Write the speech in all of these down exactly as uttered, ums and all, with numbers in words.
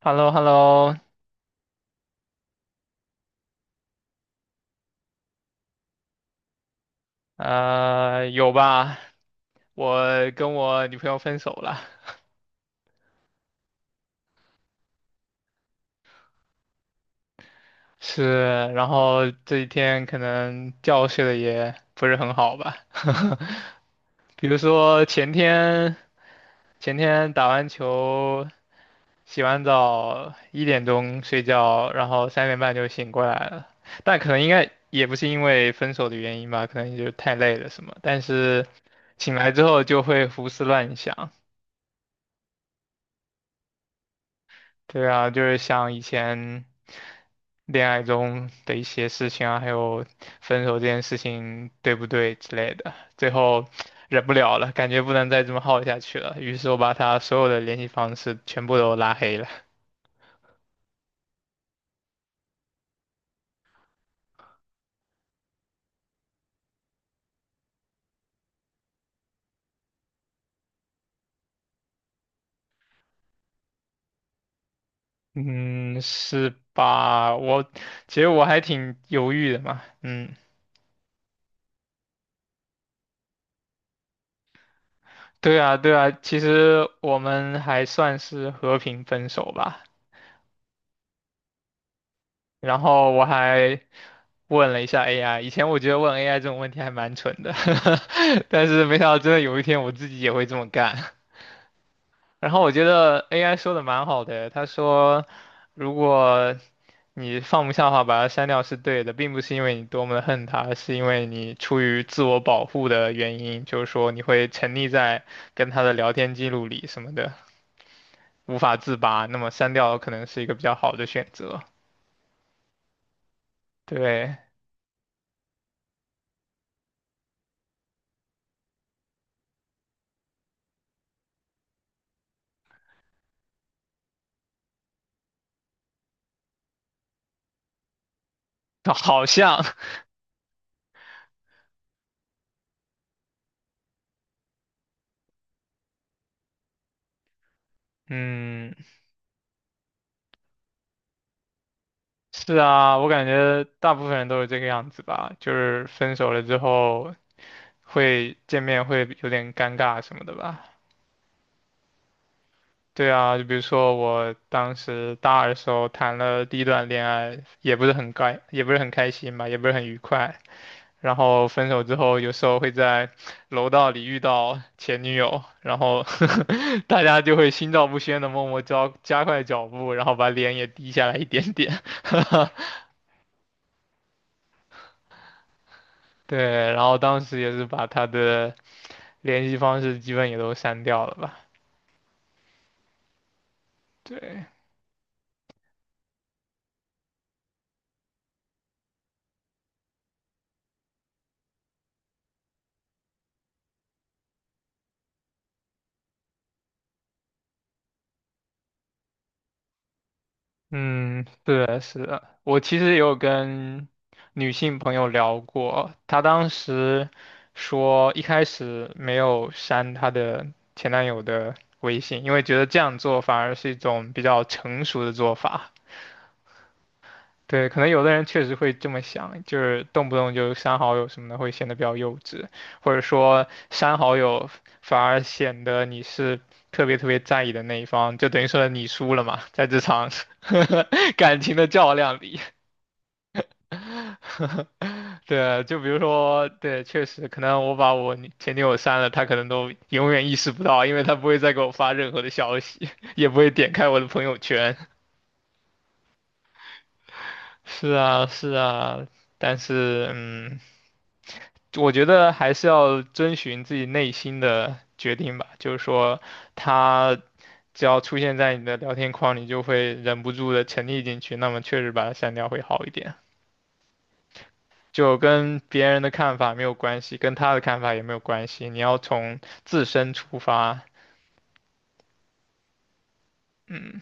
h e l l o h e l l o 呃，有吧？我跟我女朋友分手了，是，然后这几天可能觉睡的也不是很好吧，比如说前天前天打完球，洗完澡一点钟睡觉，然后三点半就醒过来了，但可能应该也不是因为分手的原因吧，可能就是太累了什么，但是醒来之后就会胡思乱想。对啊，就是像以前恋爱中的一些事情啊，还有分手这件事情对不对之类的，最后忍不了了，感觉不能再这么耗下去了，于是我把他所有的联系方式全部都拉黑了。嗯，是吧？我其实我还挺犹豫的嘛。嗯，对啊，对啊，其实我们还算是和平分手吧。然后我还问了一下 A I，以前我觉得问 A I 这种问题还蛮蠢的，但是没想到真的有一天我自己也会这么干。然后我觉得 A I 说的蛮好的，他说如果你放不下的话，把它删掉是对的，并不是因为你多么的恨它，是因为你出于自我保护的原因，就是说你会沉溺在跟他的聊天记录里什么的，无法自拔。那么删掉可能是一个比较好的选择。对，好像嗯，是啊，我感觉大部分人都是这个样子吧，就是分手了之后会见面会有点尴尬什么的吧。对啊，就比如说我当时大二的时候谈了第一段恋爱，也不是很开，也不是很开心吧，也不是很愉快。然后分手之后，有时候会在楼道里遇到前女友，然后 大家就会心照不宣的默默加加快脚步，然后把脸也低下来一点点。对，然后当时也是把他的联系方式基本也都删掉了吧？对，嗯，对，是的，我其实也有跟女性朋友聊过，她当时说一开始没有删她的前男友的微信，因为觉得这样做反而是一种比较成熟的做法。对，可能有的人确实会这么想，就是动不动就删好友什么的，会显得比较幼稚，或者说删好友反而显得你是特别特别在意的那一方，就等于说你输了嘛，在这场 感情的较量里。对，就比如说，对，确实，可能我把我女前女友删了，她可能都永远意识不到，因为她不会再给我发任何的消息，也不会点开我的朋友圈。是啊，是啊，但是嗯，我觉得还是要遵循自己内心的决定吧。就是说，他只要出现在你的聊天框，你就会忍不住的沉溺进去，那么确实把他删掉会好一点。就跟别人的看法没有关系，跟他的看法也没有关系，你要从自身出发。嗯，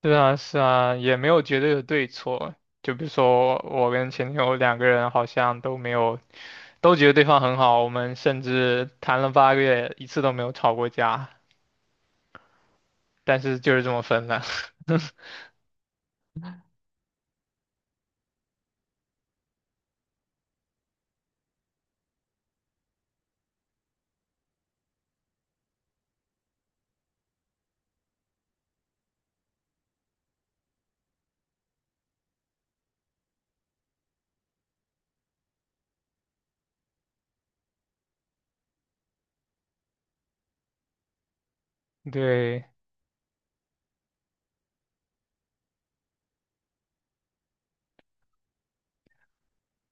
对啊，是啊，也没有绝对的对错。就比如说我跟前女友两个人好像都没有。都觉得对方很好，我们甚至谈了八个月，一次都没有吵过架，但是就是这么分了。对，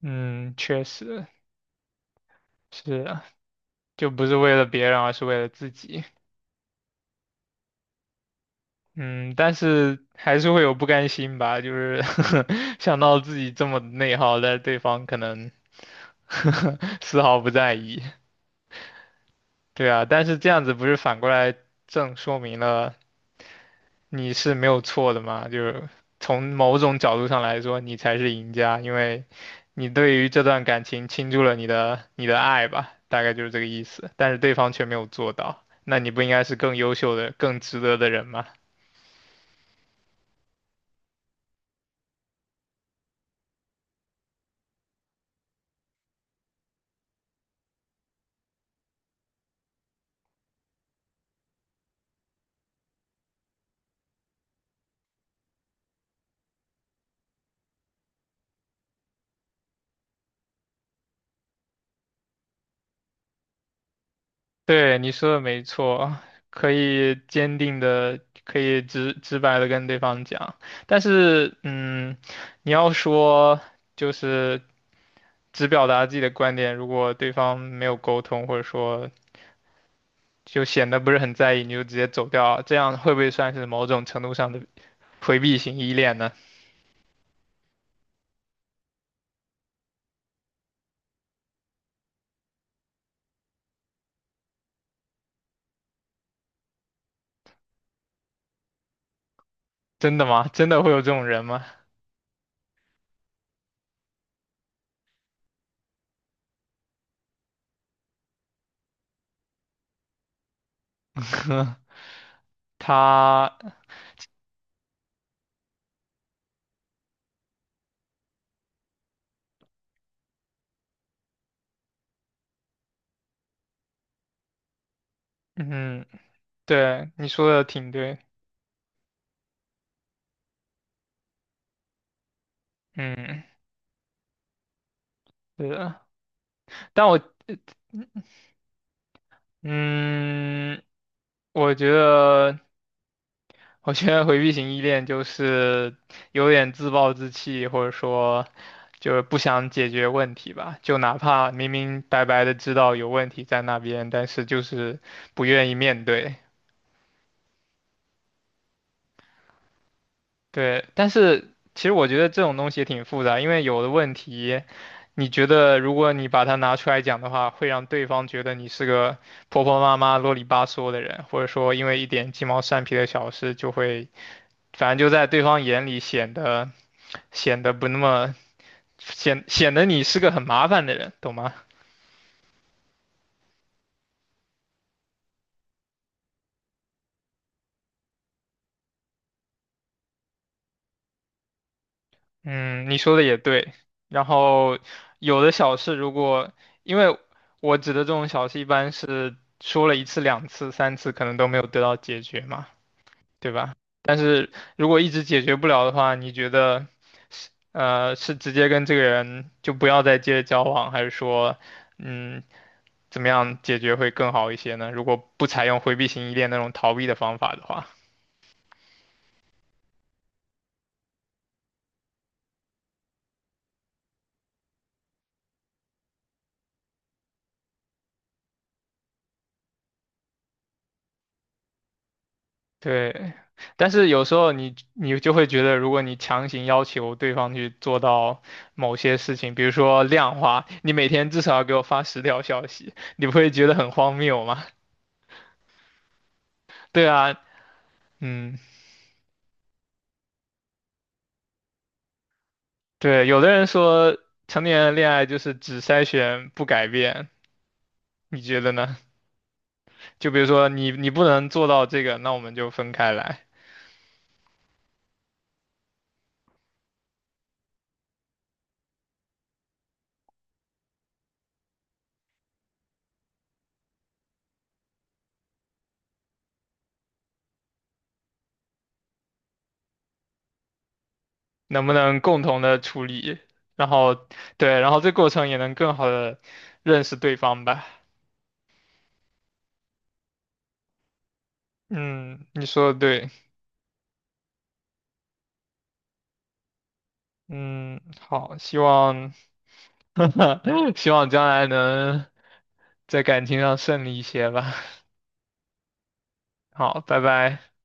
嗯，确实是啊就不是为了别人，而是为了自己。嗯，但是还是会有不甘心吧，就是 想到自己这么内耗，但对方可能 丝毫不在意。对啊，但是这样子不是反过来正说明了你是没有错的嘛，就是从某种角度上来说，你才是赢家，因为你对于这段感情倾注了你的你的爱吧，大概就是这个意思。但是对方却没有做到，那你不应该是更优秀的、更值得的人吗？对，你说的没错，可以坚定的、可以直直白的跟对方讲，但是，嗯，你要说就是只表达自己的观点，如果对方没有沟通，或者说就显得不是很在意，你就直接走掉啊，这样会不会算是某种程度上的回避型依恋呢？真的吗？真的会有这种人吗？他，嗯，对，你说的挺对，嗯，对的，但我，嗯，嗯我觉得我觉得回避型依恋就是有点自暴自弃，或者说就是不想解决问题吧。就哪怕明明白白的知道有问题在那边，但是就是不愿意面对。对，但是其实我觉得这种东西也挺复杂，因为有的问题，你觉得如果你把它拿出来讲的话，会让对方觉得你是个婆婆妈妈、啰里吧嗦的人，或者说因为一点鸡毛蒜皮的小事就会反正就在对方眼里显得显得不那么显显得你是个很麻烦的人，懂吗？嗯，你说的也对。然后有的小事，如果因为我指的这种小事，一般是说了一次、两次、三次，可能都没有得到解决嘛，对吧？但是如果一直解决不了的话，你觉得是呃是直接跟这个人就不要再接着交往，还是说嗯怎么样解决会更好一些呢？如果不采用回避型依恋那种逃避的方法的话，对。但是有时候你你就会觉得，如果你强行要求对方去做到某些事情，比如说量化，你每天至少要给我发十条消息，你不会觉得很荒谬吗？对啊，嗯，对。有的人说成年人恋爱就是只筛选不改变，你觉得呢？就比如说你你不能做到这个，那我们就分开来。能不能共同的处理，然后对，然后这过程也能更好的认识对方吧。嗯，你说的对，嗯，好，希望 希望将来能在感情上顺利一些吧。好，拜拜。